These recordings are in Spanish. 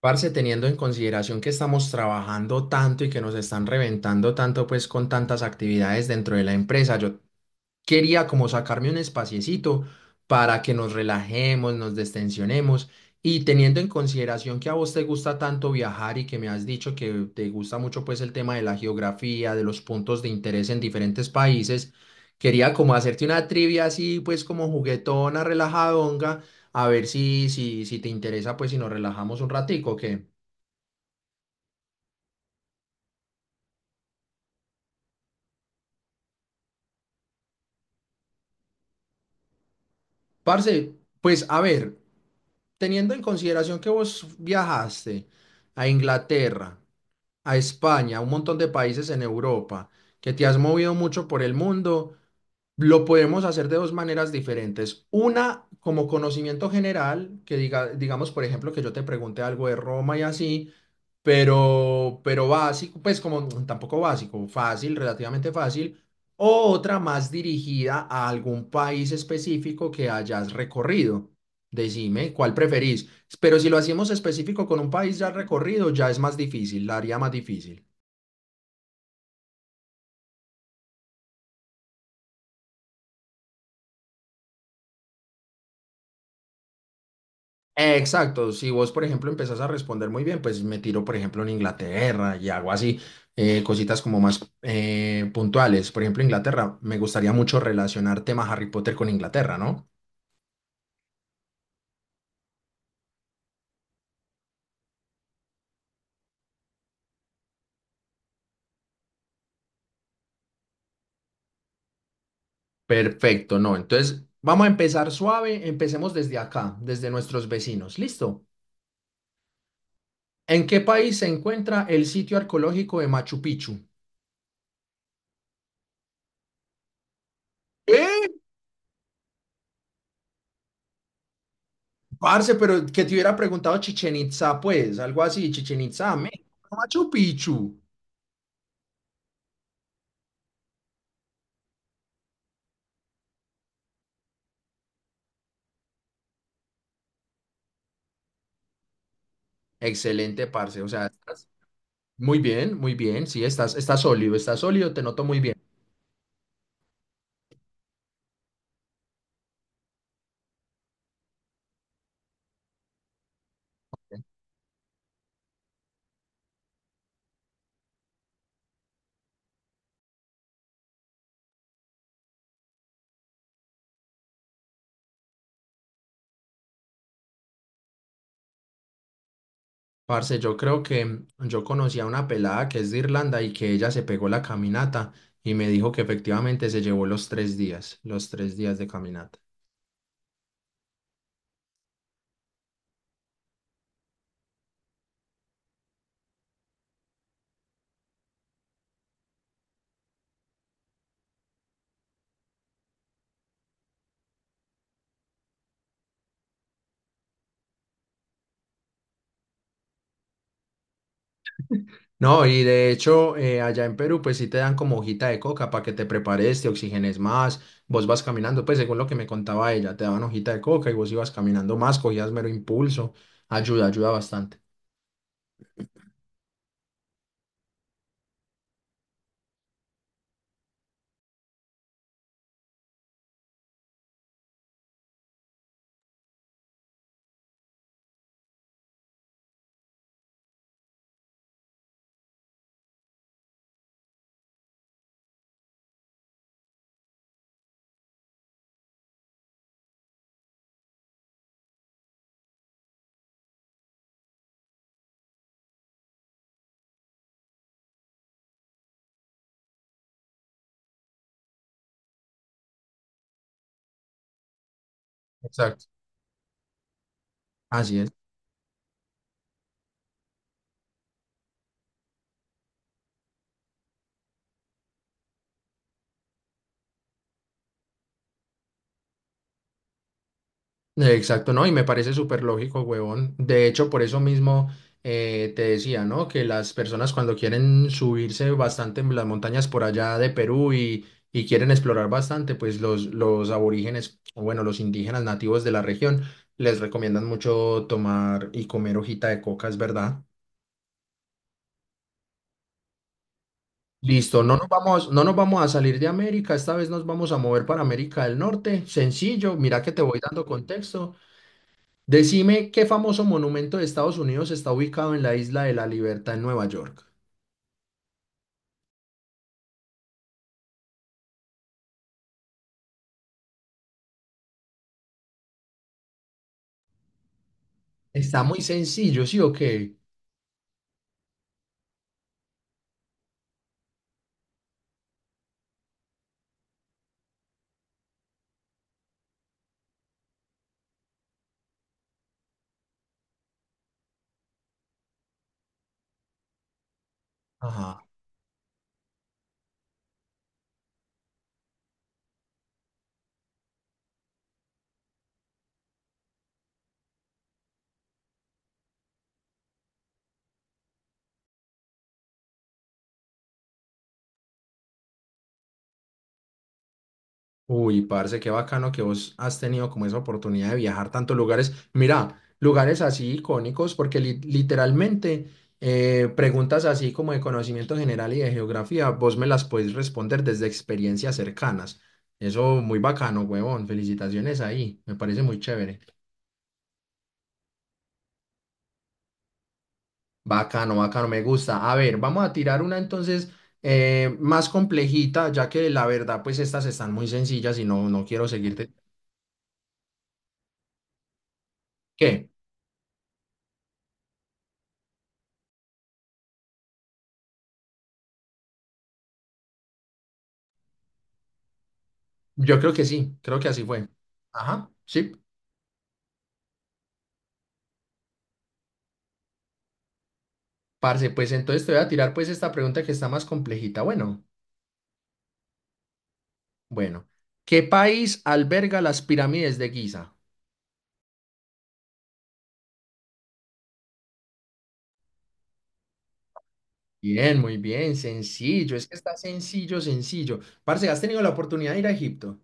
Parce, teniendo en consideración que estamos trabajando tanto y que nos están reventando tanto, pues con tantas actividades dentro de la empresa, yo quería como sacarme un espaciecito para que nos relajemos, nos destensionemos y teniendo en consideración que a vos te gusta tanto viajar y que me has dicho que te gusta mucho pues el tema de la geografía, de los puntos de interés en diferentes países, quería como hacerte una trivia así pues como juguetona, relajadonga, a ver si te interesa pues si nos relajamos un ratico, ¿o qué? Parce, pues a ver, teniendo en consideración que vos viajaste a Inglaterra, a España, a un montón de países en Europa, que te has movido mucho por el mundo, lo podemos hacer de dos maneras diferentes. Una, como conocimiento general, que diga, digamos, por ejemplo, que yo te pregunte algo de Roma y así, pero básico, pues como tampoco básico, fácil, relativamente fácil, o otra más dirigida a algún país específico que hayas recorrido. Decime cuál preferís. Pero si lo hacemos específico con un país ya recorrido, ya es más difícil, la haría más difícil. Exacto, si vos, por ejemplo, empezás a responder muy bien, pues me tiro, por ejemplo, en Inglaterra y hago así cositas como más puntuales. Por ejemplo, Inglaterra, me gustaría mucho relacionar tema Harry Potter con Inglaterra, ¿no? Perfecto, no. Entonces, vamos a empezar suave. Empecemos desde acá, desde nuestros vecinos. ¿Listo? ¿En qué país se encuentra el sitio arqueológico de Machu Picchu? ¿Eh? Parce, pero que te hubiera preguntado Chichen Itza, pues, algo así, Chichen Itza, México, Machu Picchu. Excelente, parce. O sea, estás muy bien, muy bien. Sí, estás sólido, estás sólido, te noto muy bien. Parce, yo creo que yo conocí a una pelada que es de Irlanda y que ella se pegó la caminata y me dijo que efectivamente se llevó los tres días de caminata. No, y de hecho, allá en Perú, pues sí te dan como hojita de coca para que te prepares, te oxigenes más, vos vas caminando, pues según lo que me contaba ella, te daban hojita de coca y vos ibas caminando más, cogías mero impulso, ayuda, ayuda bastante. Exacto. Así es. Exacto, ¿no? Y me parece súper lógico, huevón. De hecho, por eso mismo te decía, ¿no? Que las personas cuando quieren subirse bastante en las montañas por allá de Perú y quieren explorar bastante, pues los aborígenes, o bueno, los indígenas nativos de la región, les recomiendan mucho tomar y comer hojita de coca, es verdad. Listo, no nos vamos a salir de América, esta vez nos vamos a mover para América del Norte. Sencillo, mira que te voy dando contexto. Decime qué famoso monumento de Estados Unidos está ubicado en la Isla de la Libertad en Nueva York. Está muy sencillo, ¿sí o qué? Ajá. Uy, parce, qué bacano que vos has tenido como esa oportunidad de viajar tantos lugares. Mira, lugares así icónicos, porque literalmente preguntas así como de conocimiento general y de geografía, vos me las podés responder desde experiencias cercanas. Eso muy bacano, huevón. Felicitaciones ahí. Me parece muy chévere. Bacano, bacano, me gusta. A ver, vamos a tirar una entonces más complejita, ya que la verdad, pues estas están muy sencillas y no quiero seguirte. ¿Qué? Yo creo que sí, creo que así fue. Ajá, sí, parce, pues entonces te voy a tirar pues esta pregunta que está más complejita. Bueno, bueno, ¿qué país alberga las pirámides de Giza? Bien, muy bien, sencillo, es que está sencillo, sencillo. Parce, ¿has tenido la oportunidad de ir a Egipto?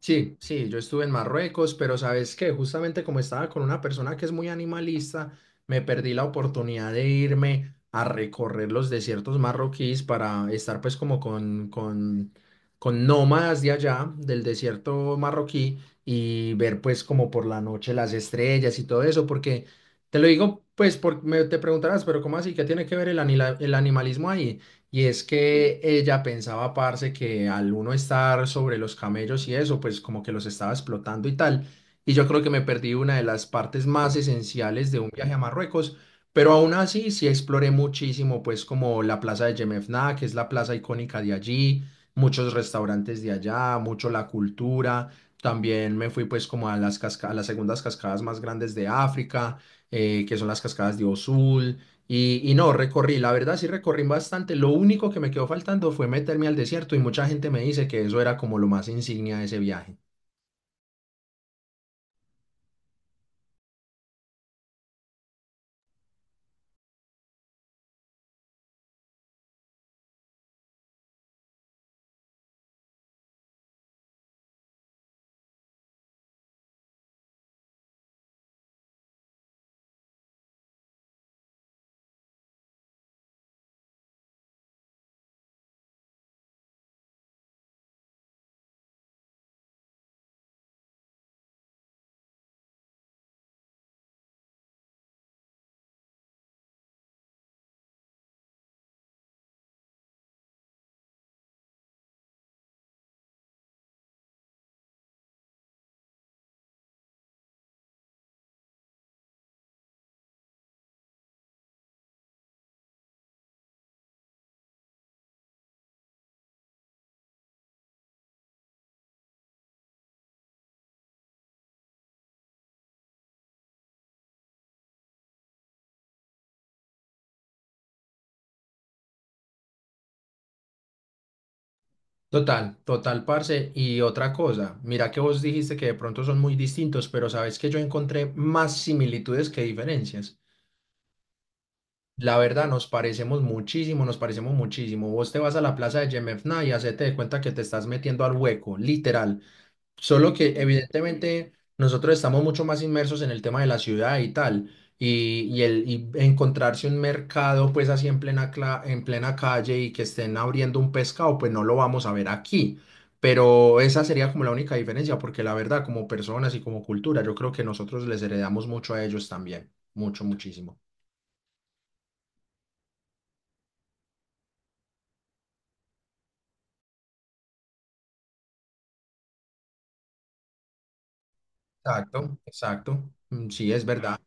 Sí, sí, yo estuve en Marruecos, pero sabes que justamente como estaba con una persona que es muy animalista, me perdí la oportunidad de irme a recorrer los desiertos marroquíes para estar pues como con nómadas de allá, del desierto marroquí, y ver pues como por la noche las estrellas y todo eso, porque te lo digo pues porque te preguntarás, pero ¿cómo así? ¿Qué tiene que ver el animalismo ahí? Y es que ella pensaba, parce, que al uno estar sobre los camellos y eso, pues como que los estaba explotando y tal. Y yo creo que me perdí una de las partes más esenciales de un viaje a Marruecos, pero aún así sí exploré muchísimo, pues como la plaza de Yemefna, que es la plaza icónica de allí, muchos restaurantes de allá, mucho la cultura. También me fui pues como a a las segundas cascadas más grandes de África, que son las cascadas de Osul. No, recorrí, la verdad sí recorrí bastante. Lo único que me quedó faltando fue meterme al desierto y mucha gente me dice que eso era como lo más insignia de ese viaje. Total, total, parce. Y otra cosa, mira que vos dijiste que de pronto son muy distintos, pero sabes que yo encontré más similitudes que diferencias. La verdad, nos parecemos muchísimo, nos parecemos muchísimo. Vos te vas a la plaza de Yemefna y hacete de cuenta que te estás metiendo al hueco, literal. Solo que evidentemente nosotros estamos mucho más inmersos en el tema de la ciudad y tal, y encontrarse un mercado pues así en en plena calle y que estén abriendo un pescado, pues no lo vamos a ver aquí. Pero esa sería como la única diferencia, porque la verdad, como personas y como cultura, yo creo que nosotros les heredamos mucho a ellos también, mucho, muchísimo. Exacto, exacto. Mm, sí, es verdad. Claro.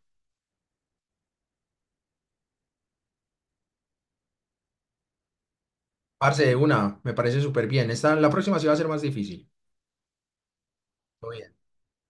Parce, de una, me parece súper bien. Esta, la próxima sí va a ser más difícil. Todo bien.